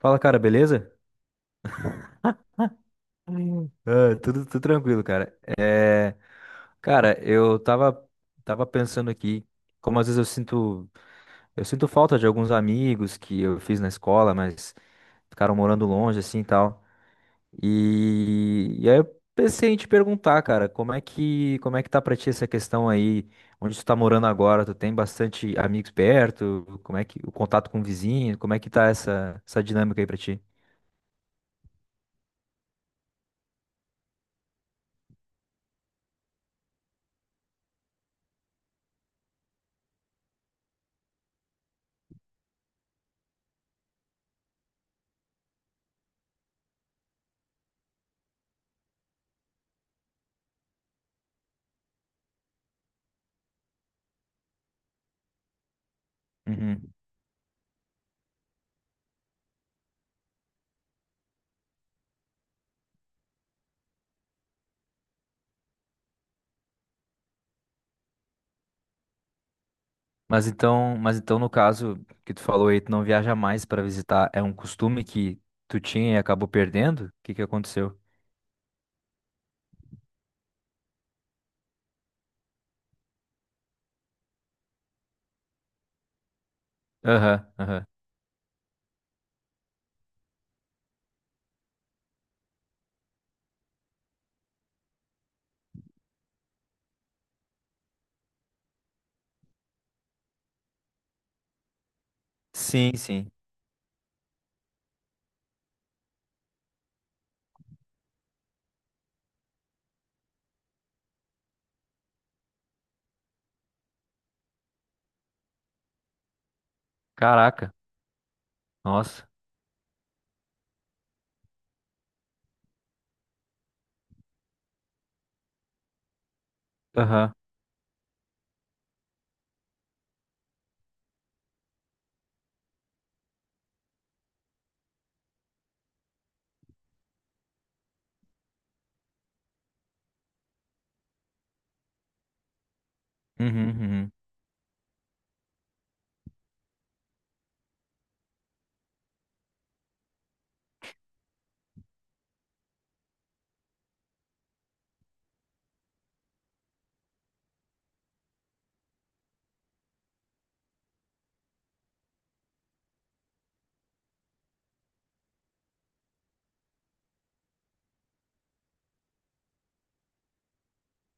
Fala, cara, beleza? Hum. Ah, tudo tranquilo, cara. Cara, tava pensando aqui, como às vezes eu sinto falta de alguns amigos que eu fiz na escola, mas ficaram morando longe, assim, e tal. E aí eu pensei em te perguntar, cara, como é que tá pra ti essa questão aí? Onde tu tá morando agora? Tu tem bastante amigos perto? Como é que, o contato com o vizinho? Como é que tá essa dinâmica aí pra ti? Uhum. Mas então no caso que tu falou aí, tu não viaja mais pra visitar, é um costume que tu tinha e acabou perdendo? O que que aconteceu? Aham, aham. Sim, sim. Caraca, nossa. Aham. Uhum, uhum.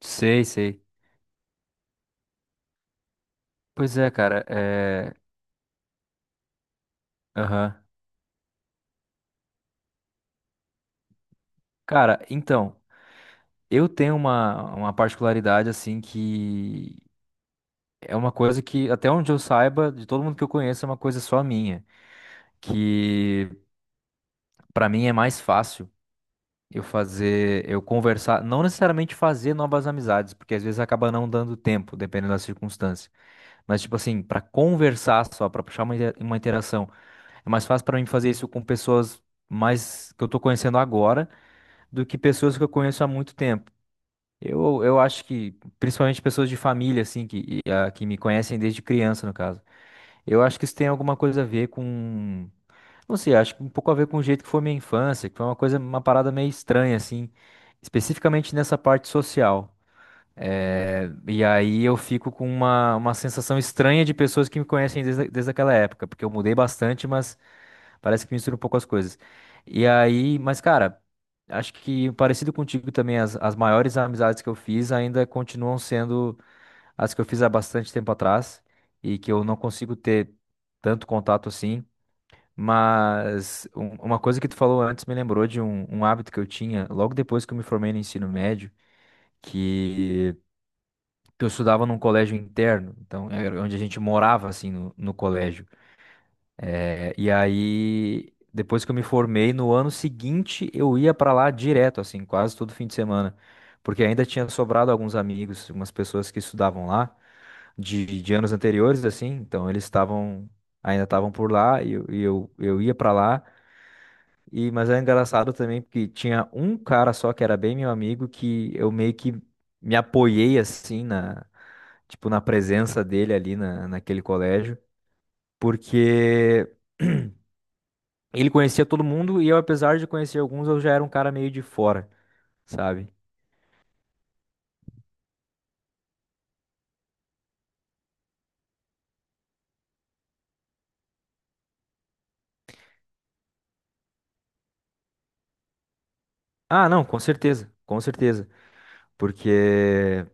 Sei, sei. Pois é, cara, é... Aham. Cara, então, eu tenho uma particularidade, assim, que é uma coisa que, até onde eu saiba, de todo mundo que eu conheço, é uma coisa só minha, que pra mim é mais fácil eu fazer, eu conversar, não necessariamente fazer novas amizades, porque às vezes acaba não dando tempo, dependendo da circunstância. Mas, tipo assim, para conversar só, para puxar uma, uma interação, é mais fácil para mim fazer isso com pessoas mais que eu tô conhecendo agora do que pessoas que eu conheço há muito tempo. Eu acho que, principalmente pessoas de família, assim, que, e, ah, que me conhecem desde criança, no caso. Eu acho que isso tem alguma coisa a ver com. Não sei, acho que um pouco a ver com o jeito que foi minha infância, que foi uma coisa, uma parada meio estranha, assim, especificamente nessa parte social. E aí eu fico com uma sensação estranha de pessoas que me conhecem desde aquela época, porque eu mudei bastante, mas parece que mistura um pouco as coisas. E aí, mas cara, acho que parecido contigo também, as maiores amizades que eu fiz ainda continuam sendo as que eu fiz há bastante tempo atrás e que eu não consigo ter tanto contato assim. Mas uma coisa que tu falou antes me lembrou de um, um hábito que eu tinha logo depois que eu me formei no ensino médio, que, que eu estudava num colégio interno, então era onde a gente morava assim no colégio. É, e aí, depois que eu me formei, no ano seguinte eu ia pra lá direto, assim, quase todo fim de semana. Porque ainda tinha sobrado alguns amigos, umas pessoas que estudavam lá de anos anteriores, assim, então eles estavam, ainda estavam por lá e eu ia pra lá. E, mas é engraçado também porque tinha um cara só que era bem meu amigo que eu meio que me apoiei assim na, tipo, na presença dele ali naquele colégio, porque ele conhecia todo mundo e eu, apesar de conhecer alguns, eu já era um cara meio de fora, sabe? Ah, não, com certeza, com certeza. Porque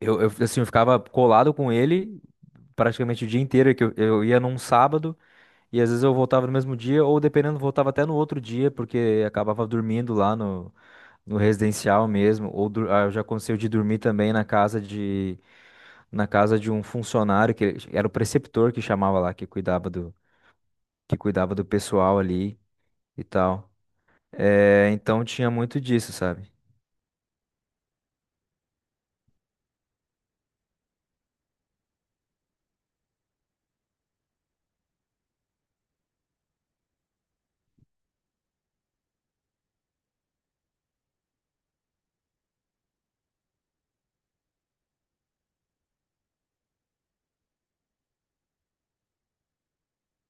assim, eu ficava colado com ele praticamente o dia inteiro, que eu ia num sábado e às vezes eu voltava no mesmo dia, ou dependendo, voltava até no outro dia, porque acabava dormindo lá no residencial mesmo, ou ah, já aconteceu de dormir também na casa de um funcionário que era o preceptor que chamava lá, que cuidava do pessoal ali. E tal. É, então tinha muito disso, sabe?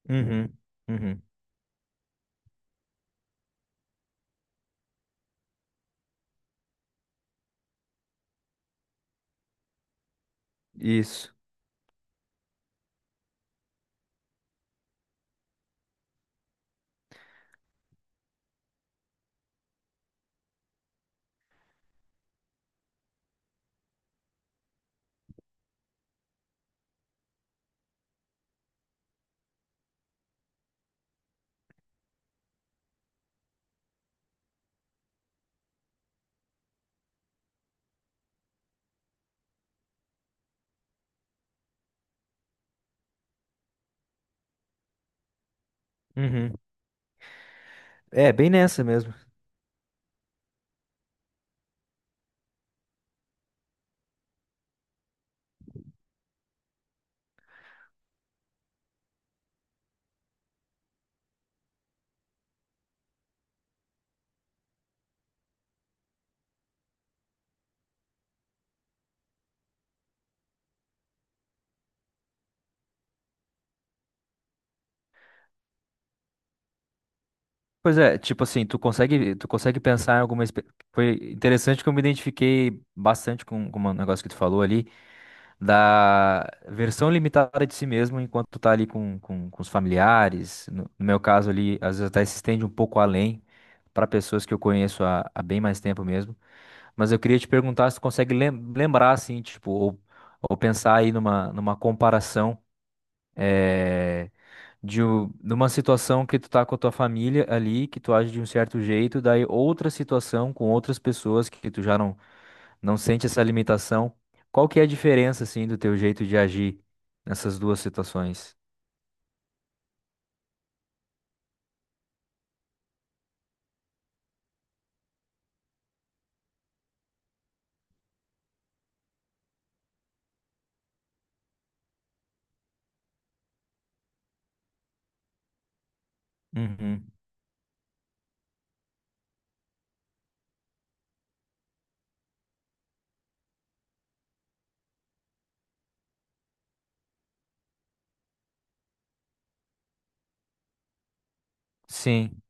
Uhum, uhum, isso. Uhum. É, bem nessa mesmo. Pois é, tipo assim, tu consegue pensar em alguma. Foi interessante que eu me identifiquei bastante com um negócio que tu falou ali, da versão limitada de si mesmo enquanto tu tá ali com os familiares. No meu caso ali, às vezes até se estende um pouco além para pessoas que eu conheço há bem mais tempo mesmo. Mas eu queria te perguntar se tu consegue lembrar, assim, tipo, ou pensar aí numa, numa comparação é, de, numa situação que tu tá com a tua família ali, que tu age de um certo jeito, daí outra situação com outras pessoas que tu já não sente essa limitação. Qual que é a diferença, assim, do teu jeito de agir nessas duas situações? Uhum. Sim,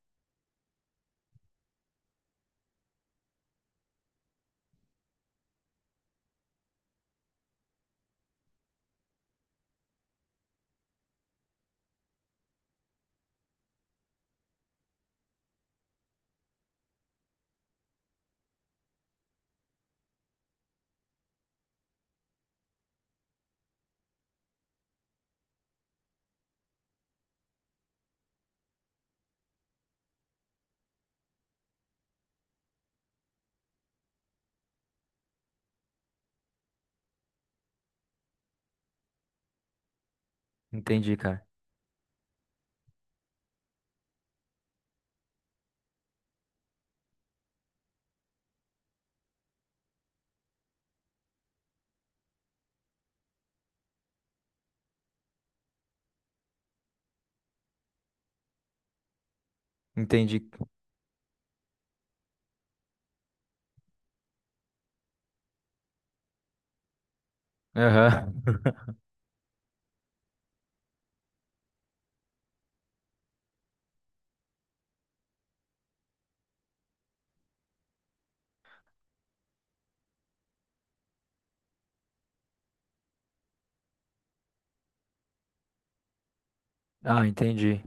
entendi, cara. Entendi. Aham. Ah, entendi.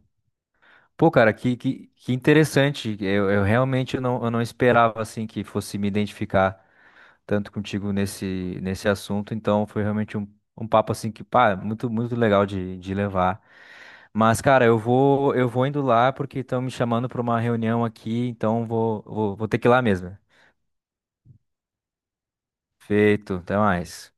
Pô, cara, que interessante. Eu realmente não, eu não esperava assim que fosse me identificar tanto contigo nesse assunto. Então foi realmente um, um papo assim que, pá, muito legal de levar. Mas, cara, eu vou indo lá porque estão me chamando para uma reunião aqui, então vou ter que ir lá mesmo. Feito, até mais.